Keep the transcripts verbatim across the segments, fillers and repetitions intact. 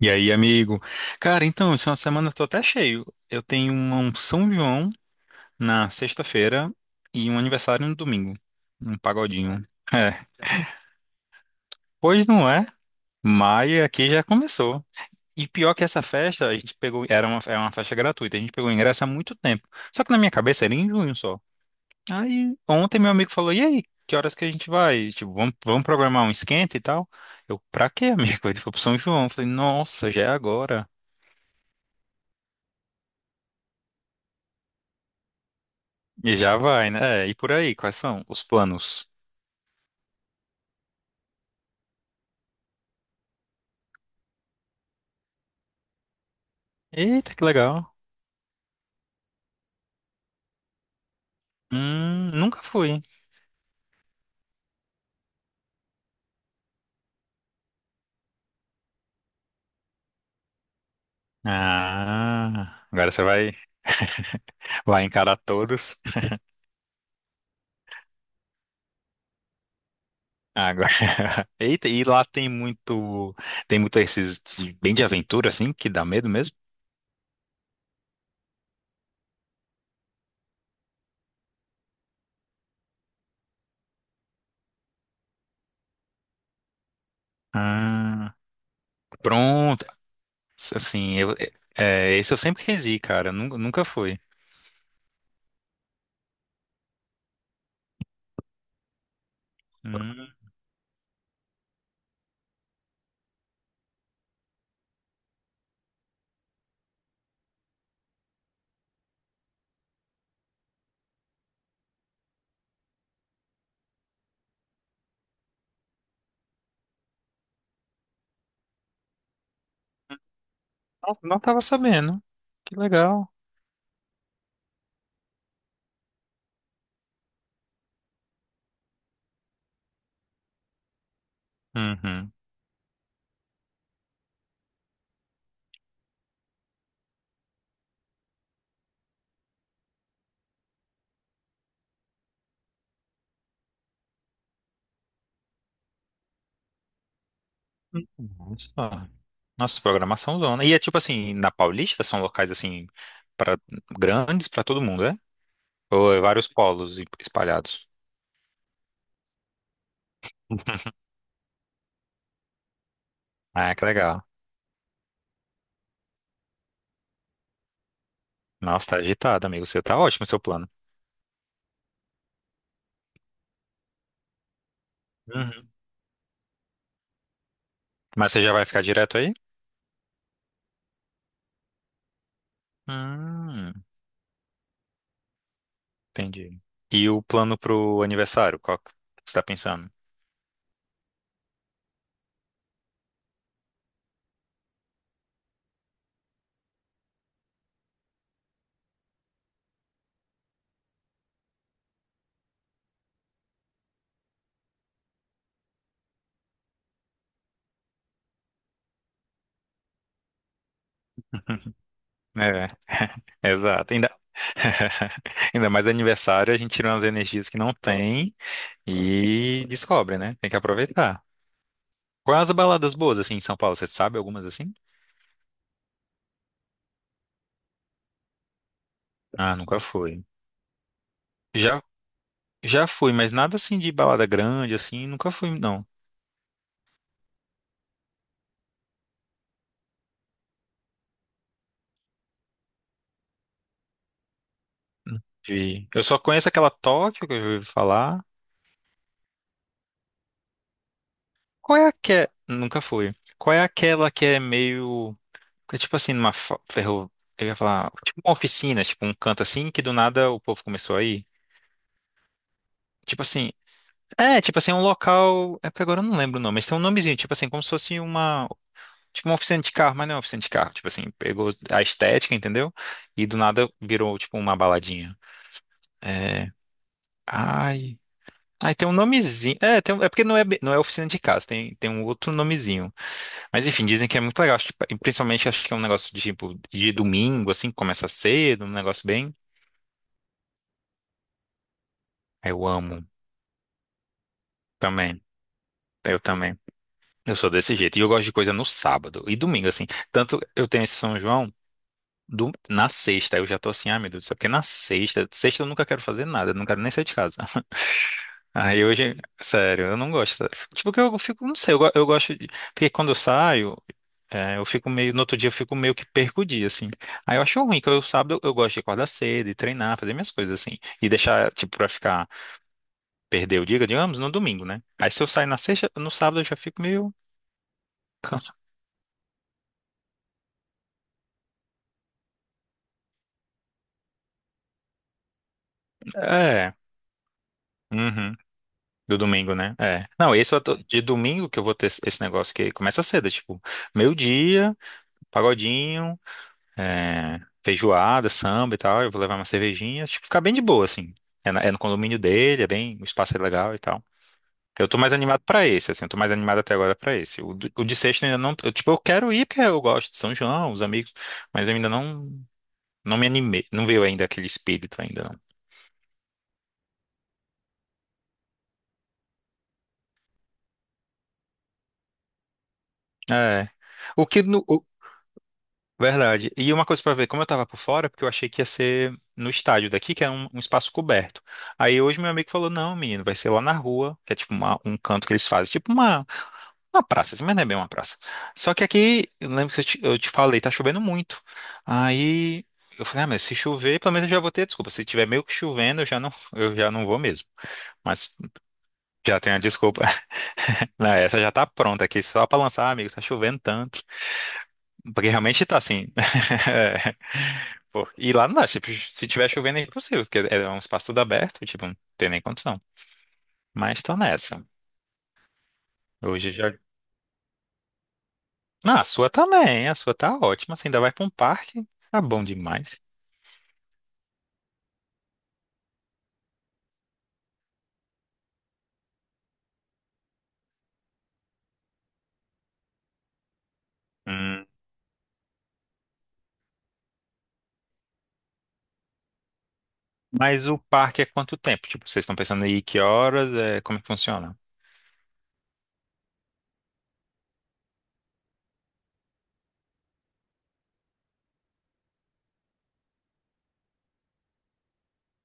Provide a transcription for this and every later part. E aí, amigo? Cara, então, essa semana eu tô até cheio. Eu tenho um um São João na sexta-feira e um aniversário no domingo. Um pagodinho. É, pois não é, mas aqui já começou. E pior que essa festa, a gente pegou, era uma, é uma festa gratuita, a gente pegou o ingresso há muito tempo. Só que na minha cabeça era em junho só. Aí, ontem meu amigo falou, e aí, que horas que a gente vai? Tipo, vamos, vamos programar um esquenta e tal? Eu, pra quê, amigo? Ele foi pro São João. Eu falei, nossa, já é agora. E já vai, né? É, e por aí, quais são os planos? Eita, que legal. Hum, nunca fui. Ah, agora você vai, vai encarar todos. Agora, eita, e lá tem muito, tem muito esses de- bem de aventura, assim, que dá medo mesmo? Ah, pronto. Assim, eu, é, é, esse eu sempre quis ir, cara, nunca, nunca fui. Hum, não, não tava sabendo. Que legal. Uhum. Nossa. Nossa, programação zona. E é tipo assim, na Paulista são locais assim para grandes para todo mundo, né? Ou é vários polos e- espalhados. Ah, que legal. Nossa, tá agitado, amigo. Você tá ótimo o seu plano. Uhum. Mas você já vai ficar direto aí? Hum, entendi. E o plano pro aniversário, qual que você tá pensando? É, exato. Ainda... Ainda mais aniversário, a gente tira umas energias que não tem e descobre, né? Tem que aproveitar. Quais as baladas boas, assim, em São Paulo? Você sabe algumas assim? Ah, nunca fui. Já, já fui, mas nada assim de balada grande, assim, nunca fui, não. De- Eu só conheço aquela Tóquio que eu já ouvi falar. Qual é a que é... Nunca fui. Qual é aquela que é meio, que é tipo assim, numa fa- ferro... Eu ia falar, tipo uma oficina, tipo um canto assim, que do nada o povo começou a ir. Tipo assim... É, tipo assim, um local... É porque agora eu não lembro o nome, mas tem um nomezinho, tipo assim, como se fosse uma... Tipo uma oficina de carro, mas não é uma oficina de carro. Tipo assim, pegou a estética, entendeu? E do nada virou, tipo, uma baladinha. É. Ai. Ai, tem um nomezinho. É, tem um- é porque não é, be- não é oficina de casa, tem, tem um outro nomezinho. Mas enfim, dizem que é muito legal. Acho que- e principalmente acho que é um negócio de, tipo, de domingo, assim, que começa cedo, um negócio bem. Eu amo também. Eu também. Eu sou desse jeito. E eu gosto de coisa no sábado e domingo, assim. Tanto eu tenho esse São João. Do- na sexta, eu já tô assim, ah, meu Deus, só porque na sexta, sexta eu nunca quero fazer nada, eu não quero nem sair de casa. Aí hoje, sério, eu não gosto. Tipo, que eu fico, não sei, eu, go- eu gosto de. Porque quando eu saio, é, eu fico meio. No outro dia eu fico meio que perco o dia, assim. Aí eu acho ruim, que eu sábado eu, gosto de acordar cedo e treinar, fazer minhas coisas, assim. E deixar, tipo, pra ficar, perder o dia, digamos, no domingo, né? Aí se eu sair na sexta, no sábado eu já fico meio cansado. É. Uhum. Do domingo, né? É. Não, esse eu tô- de domingo que eu vou ter esse esse negócio que começa cedo, é tipo, meio-dia, pagodinho, é, feijoada, samba e tal. Eu vou levar uma cervejinha, tipo, ficar bem de boa, assim. É, na- é no condomínio dele, é bem, o espaço é legal e tal. Eu tô mais animado pra esse, assim, eu tô mais animado até agora pra esse. O, do- o de sexta eu ainda não, eu, tipo, eu quero ir porque eu gosto de São João, os amigos, mas eu ainda não, não me animei, não veio ainda aquele espírito ainda, não. É. O que no, verdade. E uma coisa pra ver, como eu tava por fora, é porque eu achei que ia ser no estádio daqui, que é um, um espaço coberto. Aí hoje meu amigo falou, não, menino, vai ser lá na rua, que é tipo uma- um canto que eles fazem, tipo uma, uma praça, assim, mas não é bem uma praça. Só que aqui, eu lembro que eu te, eu te falei, tá chovendo muito. Aí eu falei, ah, mas se chover, pelo menos eu já vou ter desculpa. Se tiver meio que chovendo, eu já não, eu já não vou mesmo. Mas já tenho a desculpa. Não, essa já tá pronta aqui, só pra lançar, amigo, tá chovendo tanto. Porque realmente tá assim. Pô, e lá não dá, tipo, se tiver chovendo é impossível, porque é um espaço todo aberto, tipo, não tem nem condição. Mas tô nessa. Hoje já. Não, a sua também, a sua tá ótima. Você ainda vai pra um parque, tá bom demais. Hum. Mas o parque é quanto tempo? Tipo, vocês estão pensando aí que horas, é, como é que funciona?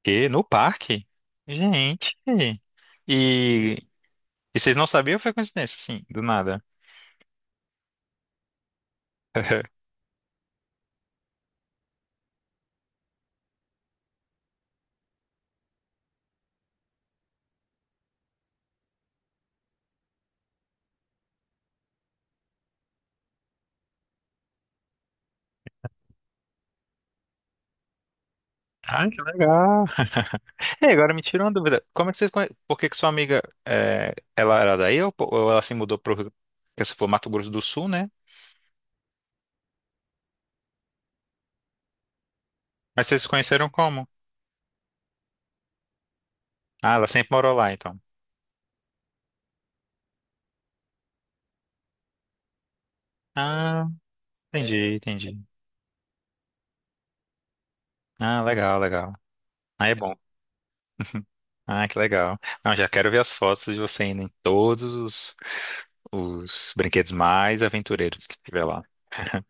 E no parque? Gente. E, e vocês não sabiam ou foi coincidência, assim, do nada? Ah, que legal. E agora me tira uma dúvida. Como é que vocês conhe... Por que que sua amiga, é, ela era daí ou, po- ou ela se mudou para se for Mato Grosso do Sul, né? Mas vocês se conheceram como? Ah, ela sempre morou lá, então. Ah, é, entendi, entendi. Ah, legal, legal. Ah, é bom. Ah, que legal. Não, já quero ver as fotos de você indo em todos os, os brinquedos mais aventureiros que tiver lá.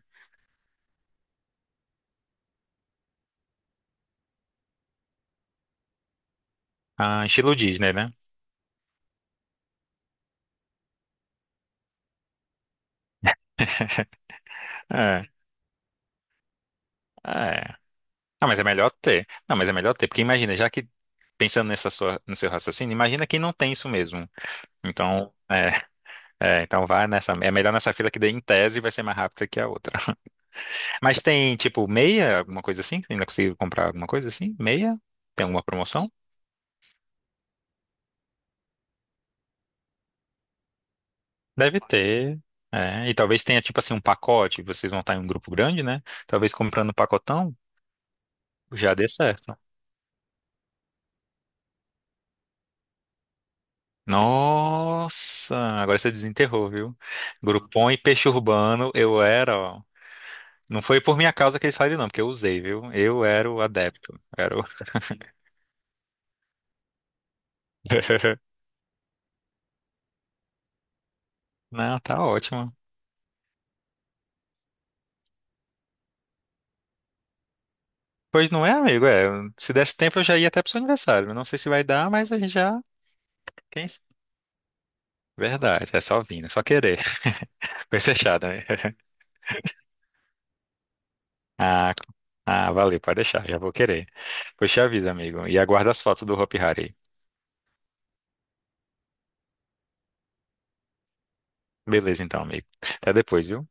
Ah, estilo Disney, né? É, é. Ah, mas é melhor ter. Não, mas é melhor ter, porque imagina, já que pensando nessa sua, no seu raciocínio, imagina quem não tem isso mesmo. Então, é, é, então vá nessa, é melhor nessa fila que daí em tese vai ser mais rápida que a outra. Mas tem tipo meia, alguma coisa assim? Você ainda consigo comprar alguma coisa assim? Meia? Tem alguma promoção? Deve ter. É, e talvez tenha tipo assim um pacote, vocês vão estar em um grupo grande, né? Talvez comprando um pacotão já dê certo. Nossa, agora você desenterrou, viu? Groupon e peixe urbano, eu era, ó. Não foi por minha causa que eles faliram, não, porque eu usei, viu? Eu era o adepto. Era o... Não, tá ótimo. Pois não é, amigo? É, se desse tempo eu já ia até pro seu aniversário. Eu não sei se vai dar, mas a gente já. Quem- verdade, é só vir, é só querer. Foi fechado, né? Ah, c- ah, valeu, pode deixar, já vou querer. Pois te aviso, amigo. E aguarda as fotos do Hopi Hari. Beleza, então, amigo. Até depois, viu?